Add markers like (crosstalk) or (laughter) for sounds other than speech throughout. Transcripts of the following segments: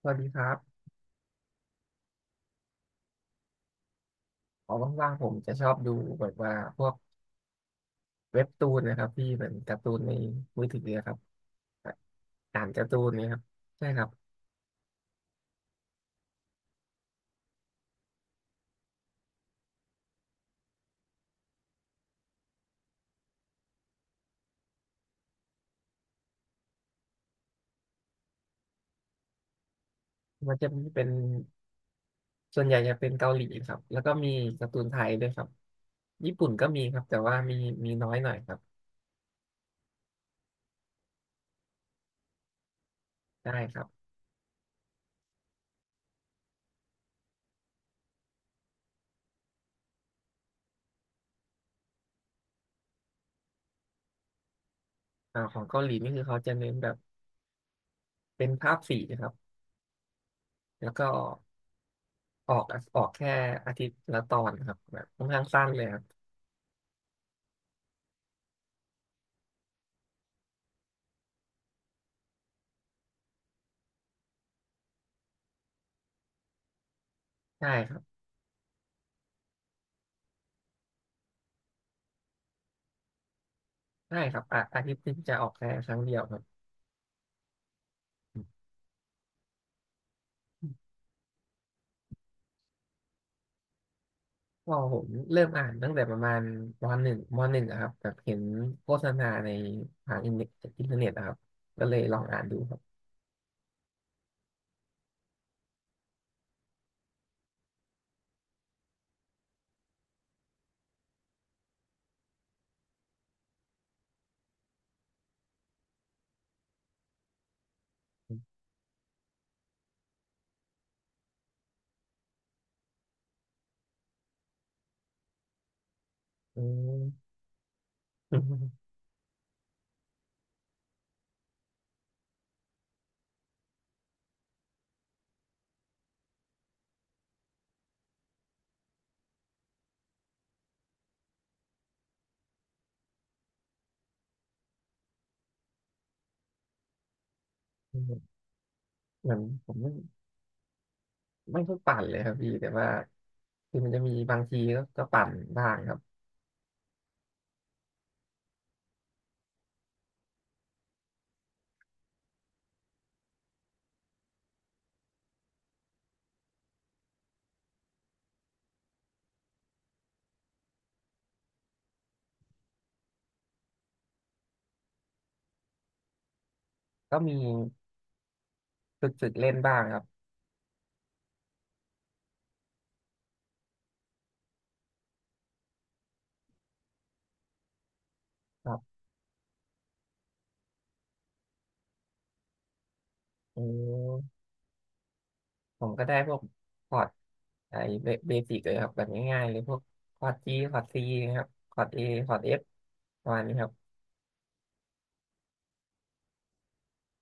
สวัสดีครับพอว่างๆผมจะชอบดูแบบว่าพวกเว็บตูนนะครับที่เหมือนการ์ตูนในมือถือนะครับอ่านการ์ตูนเนี่ครับใช่ครับมันจะมีเป็นส่วนใหญ่จะเป็นเกาหลีครับแล้วก็มีการ์ตูนไทยด้วยครับญี่ปุ่นก็มีครับแต่ว่ามีน้อยหน่อยครับได้ครับของเกาหลีนี่คือเขาจะเน้นแบบเป็นภาพสีนะครับแล้วก็ออกออกแค่อาทิตย์ละตอนครับแบบค่อนข้างสั้นเลยครับใช่ครับใช่ครับอ่ะอาทิตย์หนึงจะออกแค่ครั้งเดียวครับ พอผมเริ่มอ่านตั้งแต่ประมาณมหนึ่งอะครับแบบเห็นโฆษณาในผ่านอินเทอร์เน็ตอินเทอร์เน็ตอะครับก็เลยลองอ่านดูครับอืม (laughs) เหมือนผมไม่ค่อยปั่นเลยครับพี่แต่ว่าคือมันจะมีบางทีก็ปั่นบ้างครับก็มีฝึกเล่นบ้างครับครับอืมผมก็ได้พวกคอร์ดไอ้เบสิกเลยครับแบบง่ายๆเลยพวกคอร์ดจีคอร์ดซีครับคอร์ดเอประมาณนี้ครับ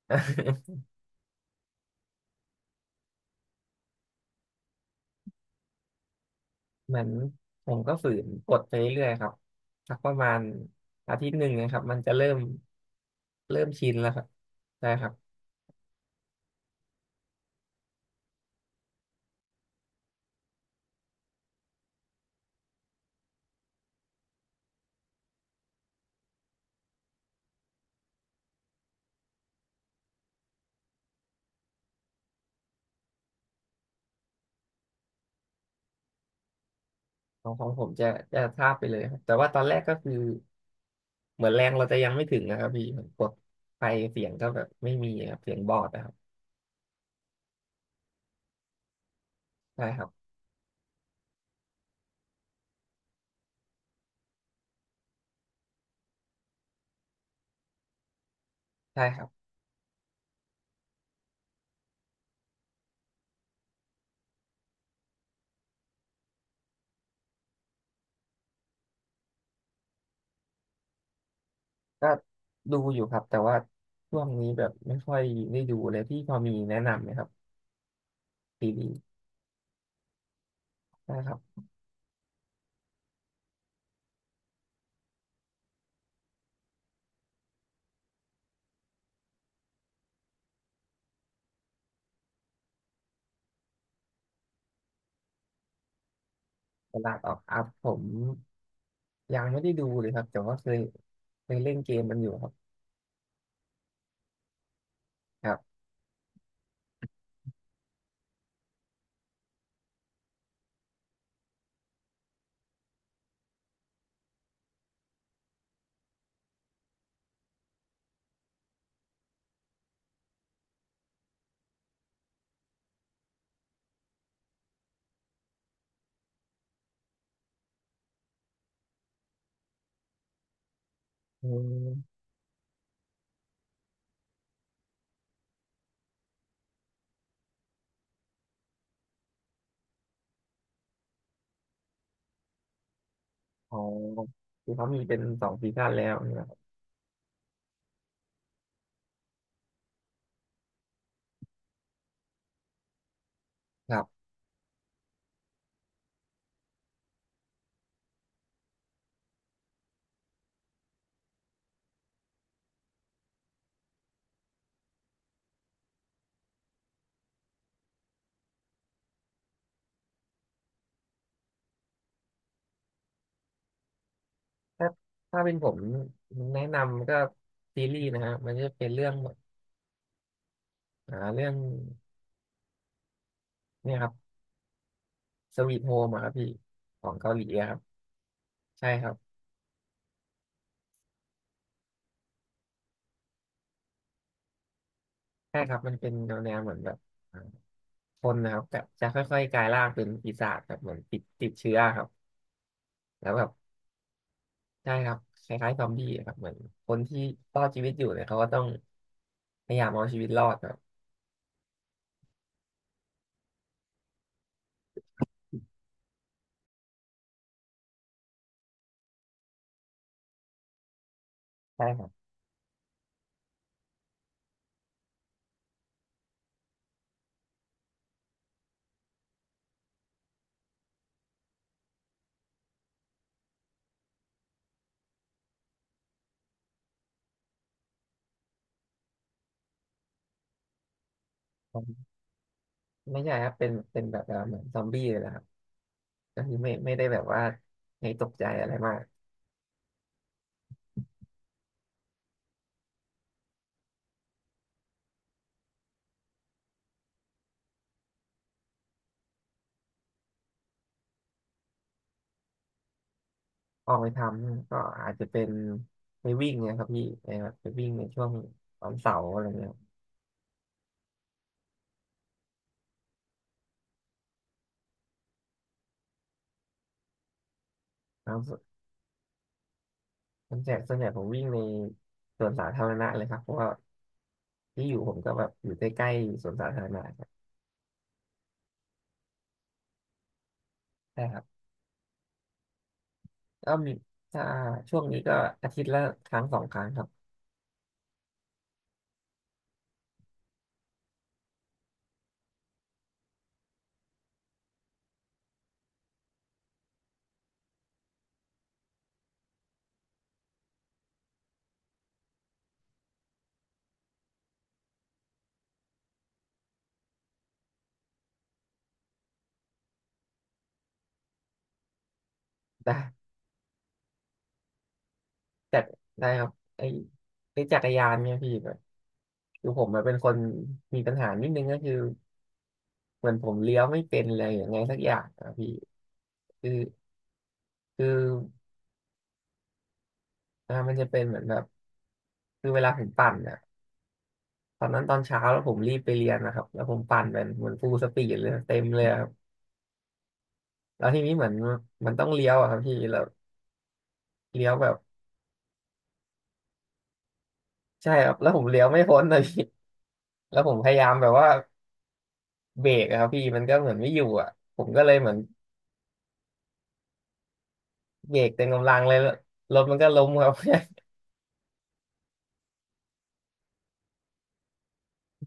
(laughs) เหมือนผมก็ฝืนกดไปเรื่อยๆครับสักประมาณอาทิตย์หนึ่งนะครับมันจะเริ่มชินแล้วครับใช่ครับของผมจะทราบไปเลยครับแต่ว่าตอนแรกก็คือเหมือนแรงเราจะยังไม่ถึงนะครับพี่เหมือนกดไปเสียงก็แบบไม่มีครับเสียงบอดนะครับใช่ครับใช่ครับก็ดูอยู่ครับแต่ว่าช่วงนี้แบบไม่ค่อยได้ดูเลยพี่พอมีแนะนำไหมครับซีรีส์ใช่ครับ ตลาดออกอัพผมยังไม่ได้ดูเลยครับแต่ว่าเคยเล่นเกมมันอยู่ครับครับอืมอ๋อคือเขามีเป็นสองซีซั่นแล้วนี่ครับครับถ้าถ้าเป็นผมแนะนำก็ซีรีส์นะฮะมันจะเป็นเรื่องเรื่องเนี่ยครับสวีทโฮมครับพี่ของเกาหลีอะครับใช่ครับใช่ครับมันเป็นแนวเหมือนแบบอ่าคนนะครับแบบจะค่อยๆกลายร่างเป็นปีศาจแบบเหมือนติดเชื้อครับแล้วแบบ ได้ครับคล้ายๆซอมบี้อะครับเหมือนคนที่รอดชีวิตอยู่เนี่ยเขาก็ต้องพยายามเอาชีวิตรอดครับใช่ครับผมไม่ใช่ครับเป็นแบบว่าเหมือนซอมบี้เลยนะครับก็คือไม่ได้แบบว่าให้ตกใจอะไรมากออกไปทำก็อาจจะเป็นไปวิ่งเนี่ยครับพี่ไปแบบไปวิ่งในช่วงวันเสาร์อะไรเงี้ยครับส่วนใหญ่ผมวิ่งในสวนสาธารณะเลยครับเพราะว่าที่อยู่ผมก็แบบอยู่ใกล้ๆสวนสาธารณะครับใช่ครับ ก็มีถ้าช่วงนี้ก็อาทิตย์ละครั้งสองครั้งครับได้จัดได้ครับไอ้ไอ้จักรยานเนี่ยพี่แบบคือผมอะเป็นคนมีปัญหานิดนึงก็คือเหมือนผมเลี้ยวไม่เป็นเลยอย่างไงสักอย่างอะพี่คือคือมันจะเป็นเหมือนแบบคือเวลาผมปั่นอะตอนนั้นตอนเช้าแล้วผมรีบไปเรียนนะครับแล้วผมปั่นเป็นเหมือนฟูลสปีดเลยเต็มเลยครับแล้วทีนี้เหมือนมันต้องเลี้ยวอะครับพี่แล้วเลี้ยวแบบใช่ครับแล้วผมเลี้ยวไม่พ้นเลยพี่แล้วผมพยายามแบบว่า เบรกอะครับพี่มันก็เหมือนไม่อยู่อ่ะผมก็เลยเหมือนเบรกเต็มกำลังเลยแล้วรถมันก็ล้มครับ (laughs)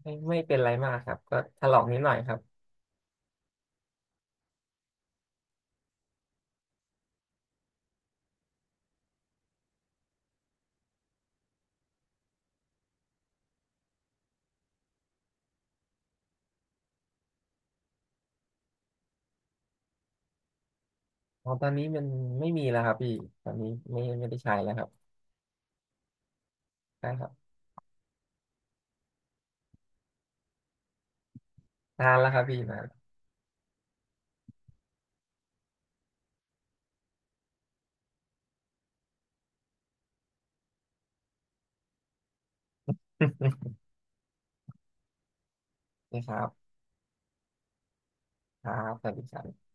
ไม่เป็นไรมากครับก็ถลอกนิดหน่อยครับอ๋อตอนนี้มันไม่มีแล้วครับพี่ตอนนี้ไม่ได้ใช้แล้วครับได้ครับนานแล้วครับพี่นาน (laughs) นะครับครับสวัสดีครับ